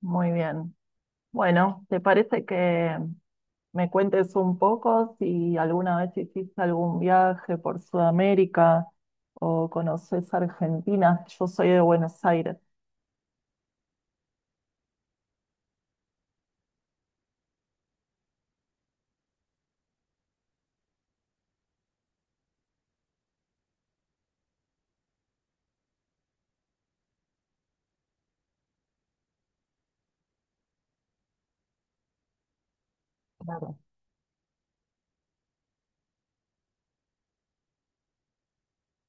Muy bien. Bueno, ¿te parece que me cuentes un poco si alguna vez hiciste algún viaje por Sudamérica o conoces Argentina? Yo soy de Buenos Aires. Claro.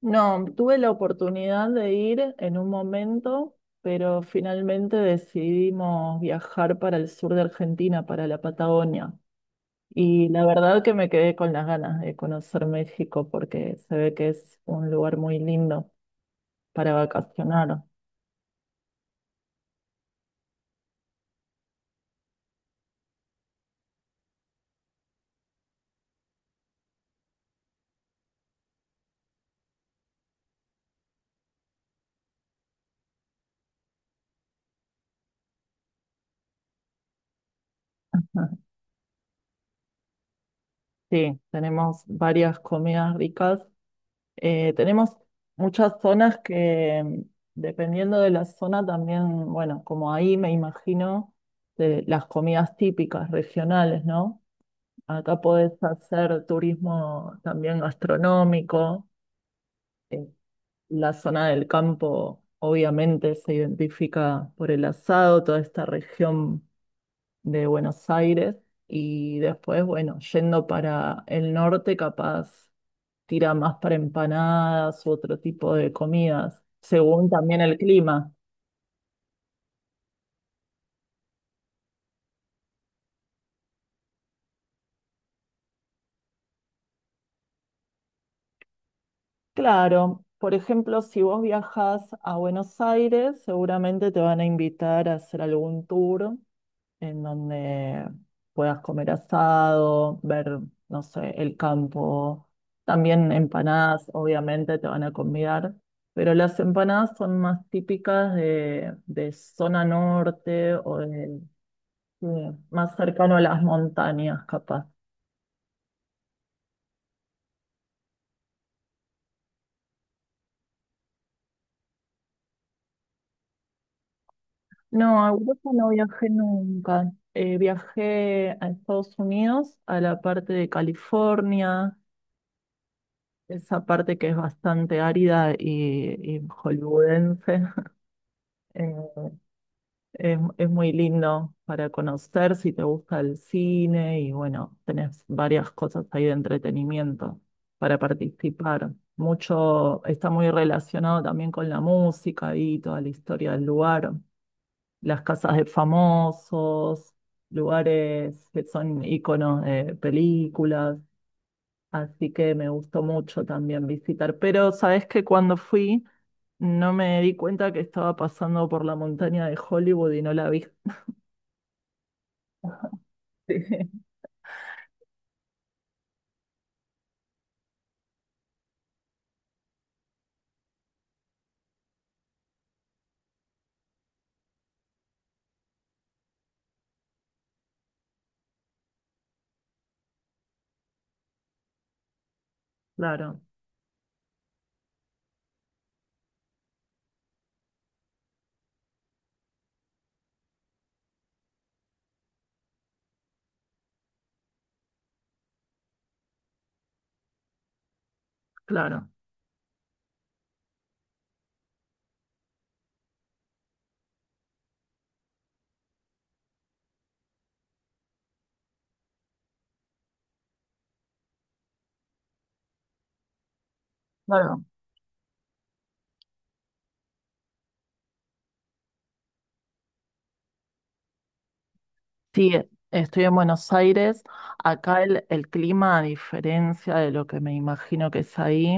No, tuve la oportunidad de ir en un momento, pero finalmente decidimos viajar para el sur de Argentina, para la Patagonia. Y la verdad que me quedé con las ganas de conocer México porque se ve que es un lugar muy lindo para vacacionar. Sí, tenemos varias comidas ricas. Tenemos muchas zonas que, mm, dependiendo de la zona, también, bueno, como ahí me imagino, de las comidas típicas regionales, ¿no? Acá podés hacer turismo también gastronómico. Eh, la zona del campo, obviamente, se identifica por el asado, toda esta región de Buenos Aires y después, bueno, yendo para el norte, capaz tira más para empanadas u otro tipo de comidas, según también el clima. Claro, por ejemplo, si vos viajas a Buenos Aires, seguramente te van a invitar a hacer algún tour en donde puedas comer asado, ver, no sé, el campo. También empanadas, obviamente, te van a convidar, pero las empanadas son más típicas de zona norte o de más cercano a las montañas, capaz. No, a Europa no viajé nunca. Viajé a Estados Unidos, a la parte de California, esa parte que es bastante árida y hollywoodense. Es muy lindo para conocer si te gusta el cine y bueno, tenés varias cosas ahí de entretenimiento para participar. Mucho está muy relacionado también con la música y toda la historia del lugar, las casas de famosos, lugares que son iconos de películas, así que me gustó mucho también visitar. Pero sabes que cuando fui no me di cuenta que estaba pasando por la montaña de Hollywood y no la vi. Sí, claro, claro, claro. Sí, estoy en Buenos Aires. Acá el clima, a diferencia de lo que me imagino que es ahí,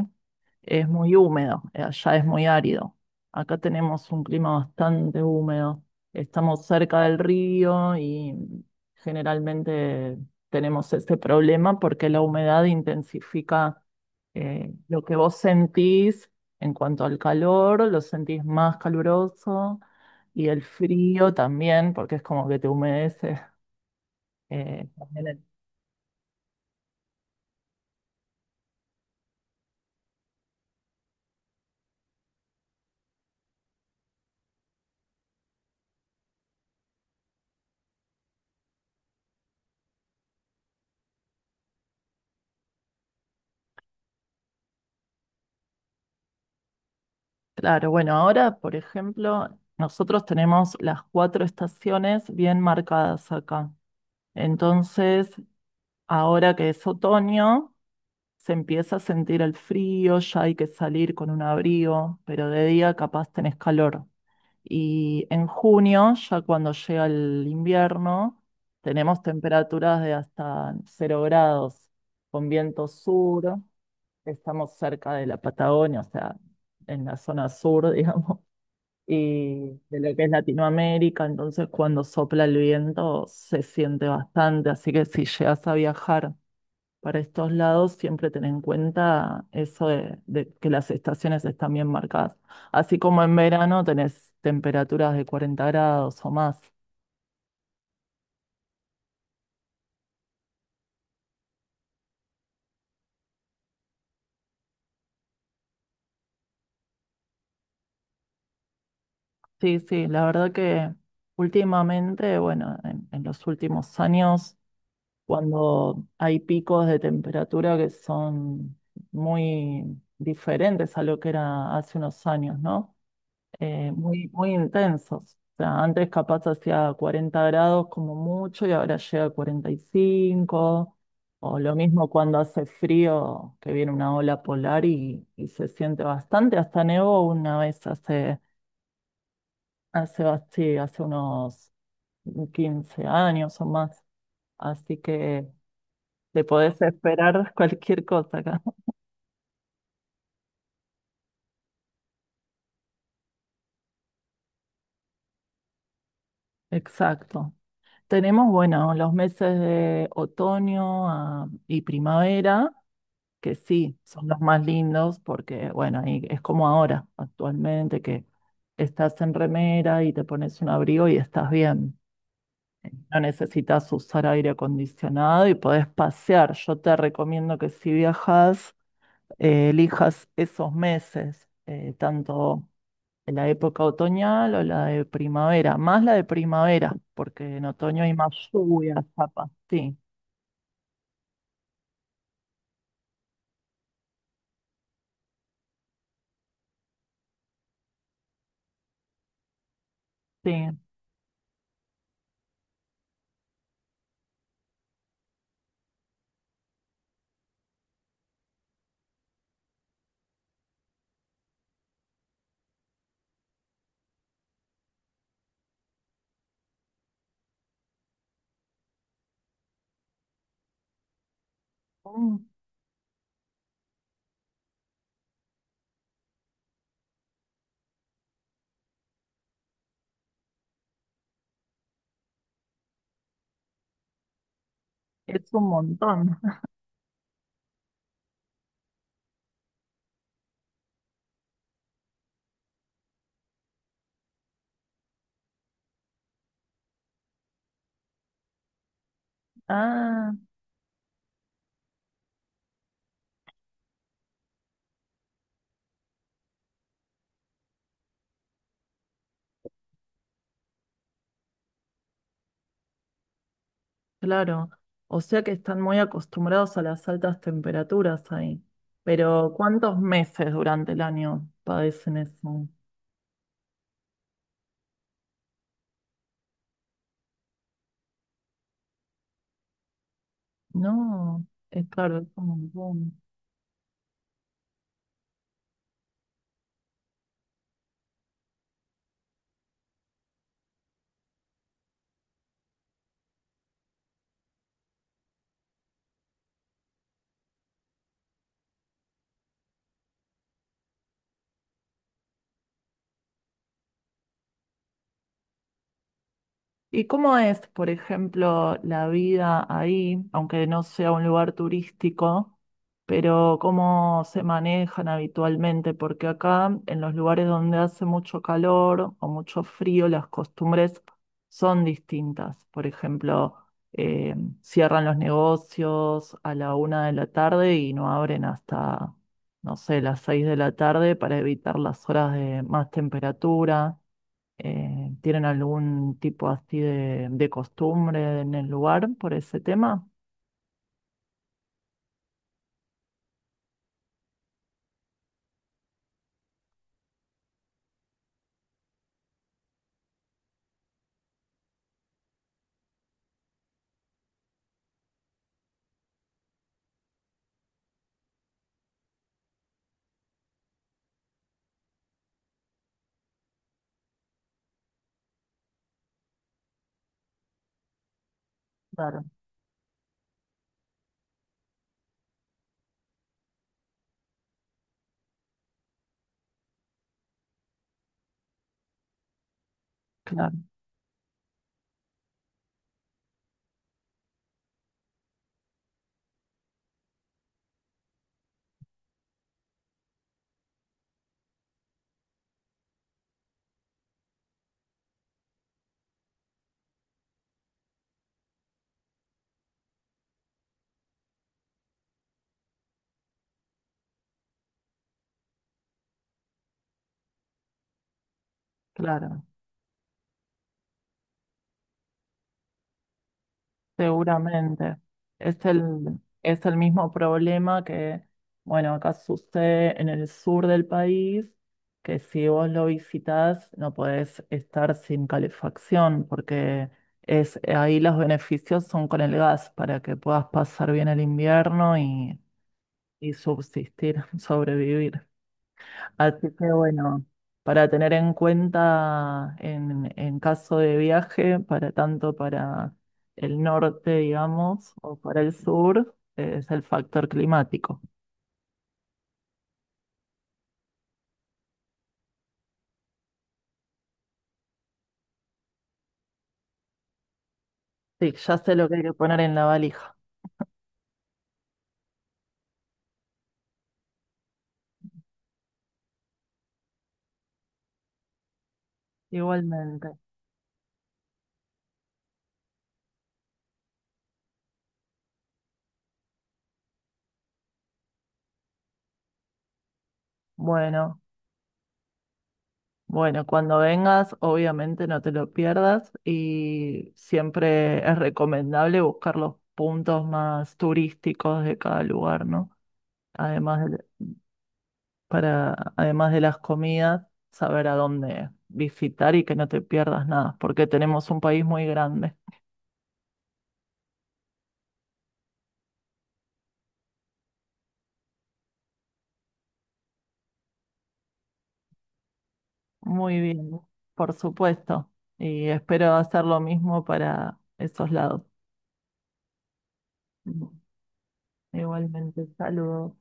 es muy húmedo. Allá es muy árido. Acá tenemos un clima bastante húmedo. Estamos cerca del río y generalmente tenemos ese problema porque la humedad intensifica lo que vos sentís en cuanto al calor, lo sentís más caluroso y el frío también, porque es como que te humedece. Eh, también el- claro, bueno, ahora, por ejemplo, nosotros tenemos las cuatro estaciones bien marcadas acá. Entonces, ahora que es otoño, se empieza a sentir el frío, ya hay que salir con un abrigo, pero de día capaz tenés calor. Y en junio, ya cuando llega el invierno, tenemos temperaturas de hasta 0 grados, con viento sur. Estamos cerca de la Patagonia, o sea, en la zona sur, digamos, y de lo que es Latinoamérica, entonces cuando sopla el viento se siente bastante, así que si llegas a viajar para estos lados, siempre ten en cuenta eso de que las estaciones están bien marcadas. Así como en verano tenés temperaturas de 40 grados o más. Sí, sí, la verdad que últimamente, bueno, en los últimos años cuando hay picos de temperatura que son muy diferentes a lo que era hace unos años, ¿no? Muy, muy intensos. O sea, antes capaz hacía 40 grados como mucho y ahora llega a 45, o lo mismo cuando hace frío, que viene una ola polar y se siente bastante. Hasta nevó una vez hace unos 15 años o más. Así que te podés esperar cualquier cosa acá. Exacto. Tenemos, bueno, los meses de otoño, ah, y primavera, que sí, son los más lindos porque, bueno, ahí es como ahora, actualmente, que estás en remera y te pones un abrigo y estás bien. No necesitas usar aire acondicionado y podés pasear. Yo te recomiendo que si viajas, elijas esos meses, tanto la época otoñal o la de primavera, más la de primavera, porque en otoño hay más lluvia, chapa. Sí, sí. Mm, es un montón. Ah, claro. O sea que están muy acostumbrados a las altas temperaturas ahí. Pero ¿cuántos meses durante el año padecen eso? No, es claro, es un montón. ¿Y cómo es, por ejemplo, la vida ahí, aunque no sea un lugar turístico, pero cómo se manejan habitualmente? Porque acá, en los lugares donde hace mucho calor o mucho frío, las costumbres son distintas. Por ejemplo, eh, cierran los negocios a la una de la tarde y no abren hasta, no sé, las seis de la tarde para evitar las horas de más temperatura. ¿Tienen algún tipo así de costumbre en el lugar por ese tema? Claro, claro, claro, seguramente. Es es el mismo problema que, bueno, acá sucede en el sur del país, que si vos lo visitas no podés estar sin calefacción, porque es, ahí los beneficios son con el gas, para que puedas pasar bien el invierno y subsistir, sobrevivir. Así que bueno, para tener en cuenta en caso de viaje, para tanto para el norte, digamos, o para el sur, es el factor climático. Sí, ya sé lo que hay que poner en la valija. Igualmente. Bueno, bueno, cuando vengas, obviamente no te lo pierdas y siempre es recomendable buscar los puntos más turísticos de cada lugar, ¿no? Además de para, además de las comidas, saber a dónde visitar y que no te pierdas nada, porque tenemos un país muy grande. Muy bien, por supuesto. Y espero hacer lo mismo para esos lados. Igualmente, saludos.